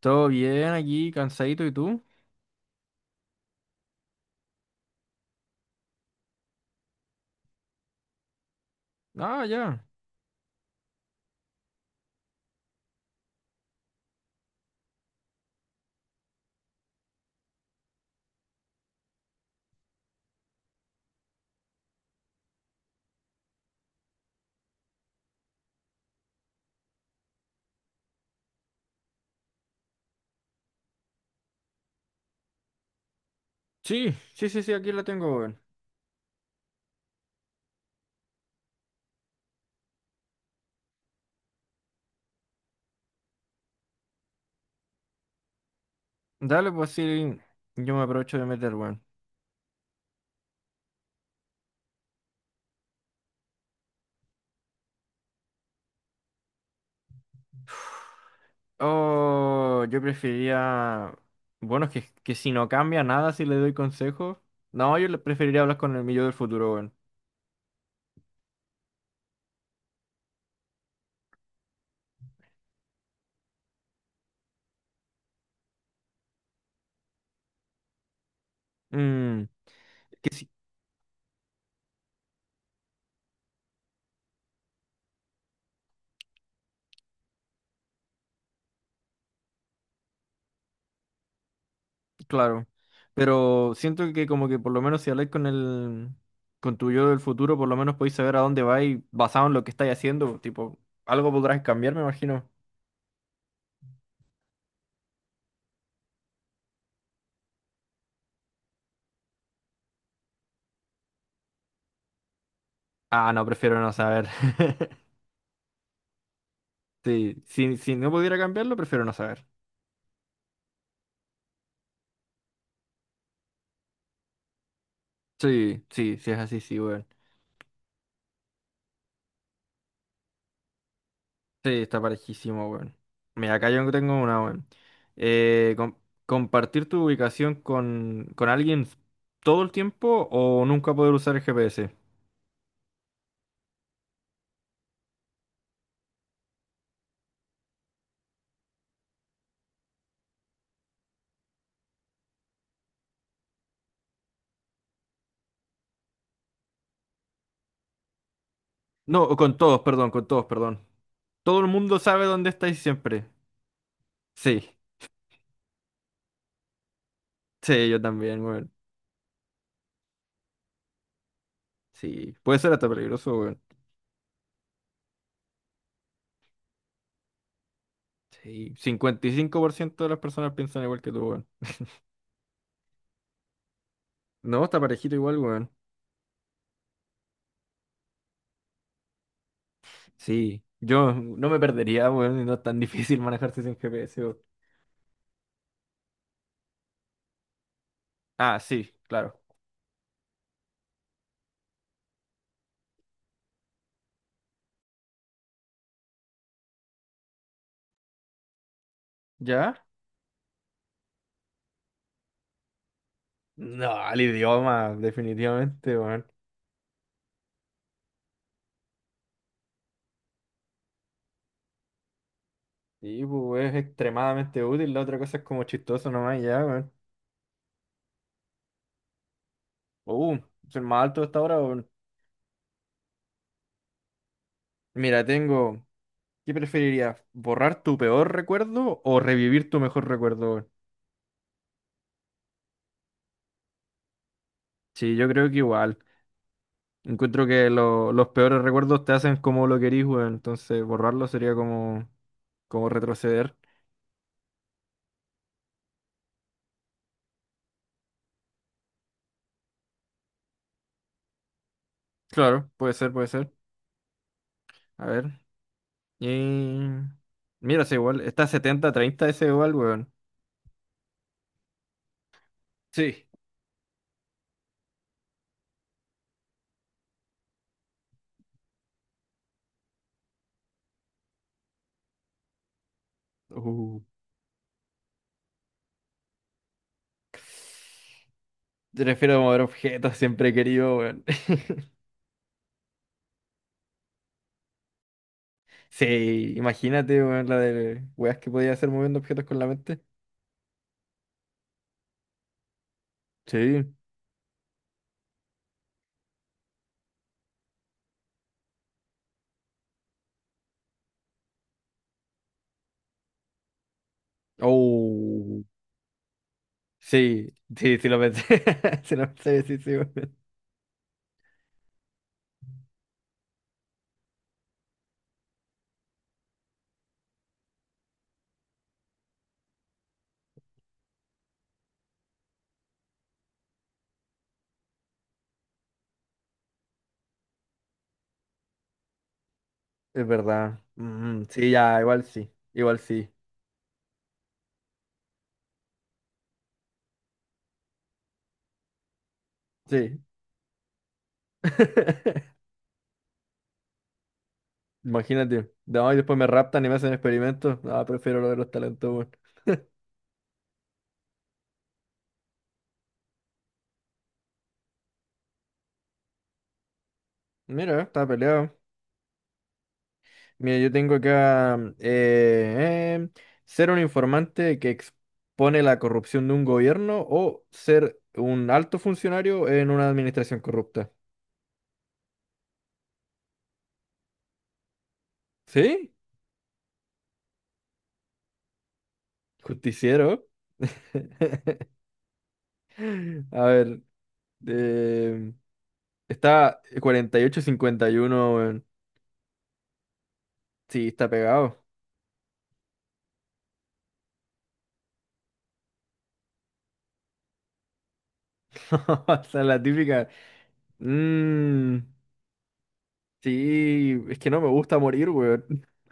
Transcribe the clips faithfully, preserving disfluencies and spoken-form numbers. Todo bien aquí, cansadito, ¿y tú? Ah, ya. Sí, sí, sí, sí, aquí la tengo, weón. Dale, pues sí, yo me aprovecho de meter, weón. Oh, yo preferiría... Bueno, es que, que si no cambia nada, si le doy consejos. No, yo le preferiría hablar con el mi yo del futuro, weón. Mm, que sí, claro. Pero siento que como que por lo menos si habláis con el... Con tu yo del futuro, por lo menos podéis saber a dónde vais basado en lo que estáis haciendo. Tipo, algo podrás cambiar, me imagino. Ah, no, prefiero no saber. Sí, si, si no pudiera cambiarlo, prefiero no saber. Sí, sí, sí es así, sí, weón. Sí, está parejísimo, weón. Mira, acá yo tengo una, weón. Eh, com- Compartir tu ubicación con, con alguien todo el tiempo o nunca poder usar el G P S. No, o con todos, perdón, con todos, perdón. Todo el mundo sabe dónde estáis siempre. Sí, sí, yo también, weón. Sí, puede ser hasta peligroso, weón. Sí, cincuenta y cinco por ciento de las personas piensan igual que tú, weón. No, está parejito igual, weón. Sí, yo no me perdería, weón. Y no es tan difícil manejarse sin G GPS, weón. Ah, sí, claro. ¿Ya? No, el idioma, definitivamente, weón. Sí, pues, es extremadamente útil. La otra cosa es como chistoso nomás, ya, weón. Uh, Soy más alto hasta ahora, weón. Mira, tengo. ¿Qué preferirías? ¿Borrar tu peor recuerdo o revivir tu mejor recuerdo, weón? Sí, yo creo que igual. Encuentro que lo- los peores recuerdos te hacen como lo querís, weón. Entonces borrarlo sería como, como retroceder. Claro, puede ser, puede ser. A ver. Y... Mira, es igual. Está setenta treinta, ese igual, weón. Sí. Uh, Te refiero mover objetos, siempre he querido, weón. Sí, imagínate, weón, la de weas que podía hacer moviendo objetos con la mente. Sí. Oh. Sí, sí, sí lo pensé. Sí lo pensé, sí, sí, weón. Es verdad. Mm, sí, ya, igual sí. Igual sí. Sí. Imagínate. No, y después me raptan y me hacen experimentos. No, prefiero lo de los talentos, weón. Mira, está peleado. Mira, yo tengo acá mm, eh, em, ser un informante que expone la corrupción de un gobierno o ser un alto funcionario en una administración corrupta. ¿Sí? Justiciero. A ver. em, Está cuarenta y ocho cincuenta y uno, weón. Sí, está pegado. Esa es la típica. Mm, sí, es que no me gusta morir, weón.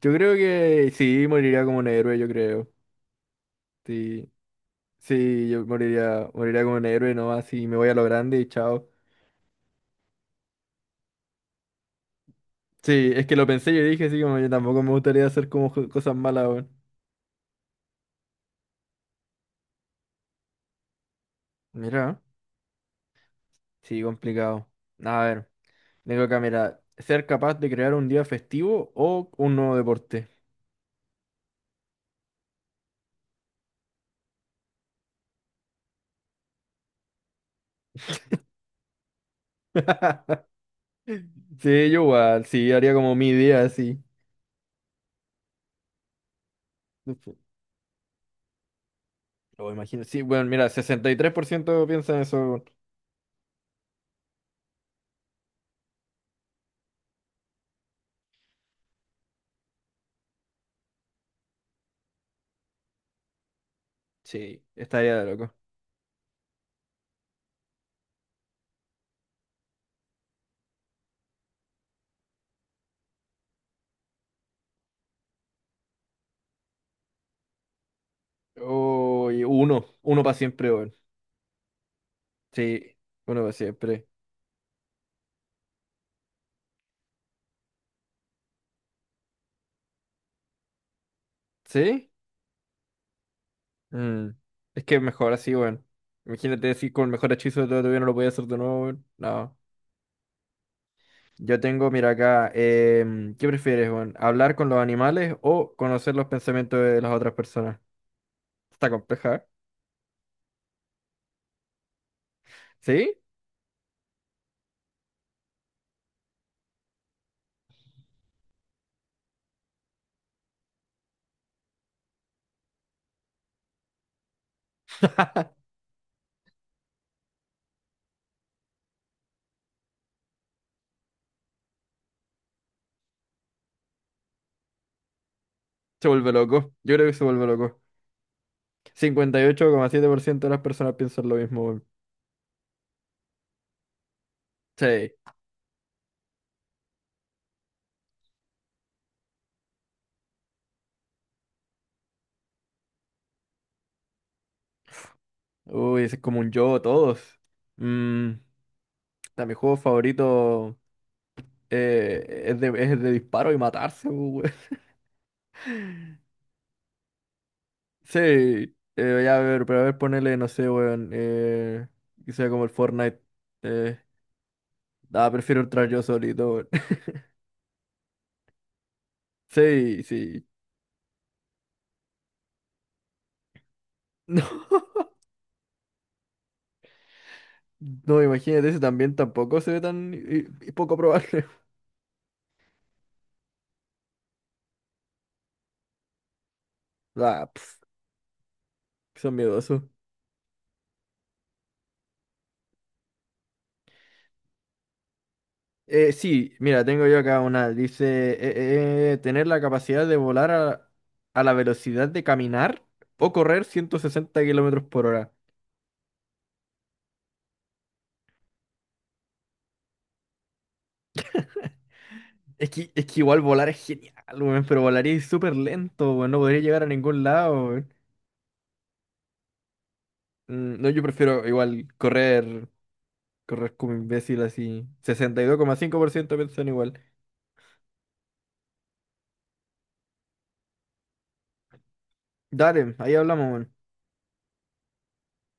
Yo creo que sí, moriría como un héroe, yo creo. Sí, sí, yo moriría, moriría, como un héroe nomás y me voy a lo grande y chao. Sí, es que lo pensé y dije, sí, como yo tampoco me gustaría hacer como jo- cosas malas, weón. Mira, sí, complicado. A ver, tengo acá, mira, ser capaz de crear un día festivo o un nuevo deporte. Sí, yo igual, sí, haría como mi día así. Lo imagino. Sí, bueno, mira, sesenta y tres por ciento piensa en eso, weón. Sí, estaría de loco. Oh, y uno, uno para siempre, weón. Sí, uno para siempre. ¿Sí? Mm, es que mejor así, weón. Imagínate decir con el mejor hechizo de todo todavía no lo podía hacer de nuevo, weón. No. Yo tengo, mira acá, em, ¿qué prefieres, weón? ¿Hablar con los animales o conocer los pensamientos de las otras personas? Está compleja, ¿eh? ¿Sí? Se vuelve loco. Yo creo que se vuelve loco. Cincuenta y ocho coma siete por ciento de las personas piensan lo mismo. Weón. Sí. Uy, ese es como un yo, todos. Mm, ta, mi juego favorito eh, es de, es de disparo y matarse, weón. Sí, eh, ya a ver, pero a ver, ponele, no sé, weón. Eh, que sea como el Fortnite. Eh, ah, Prefiero entrar yo solito, weón. Sí, sí. No, no, imagínate, ese también tampoco se ve tan y, y poco probable. Ah, pf, son miedosos. Eh, sí, mira, tengo yo acá una. Dice, eh, eh, tener la capacidad de volar a, a la velocidad de caminar o correr ciento sesenta kilómetros por hora. Es que, es que igual volar es genial, weón, pero volaría súper lento, weón, no podría llegar a ningún lado, weón. Mm, no, yo prefiero igual correr, correr, como imbécil así. sesenta y dos coma cinco por ciento piensan igual. Dale, ahí hablamos, weón.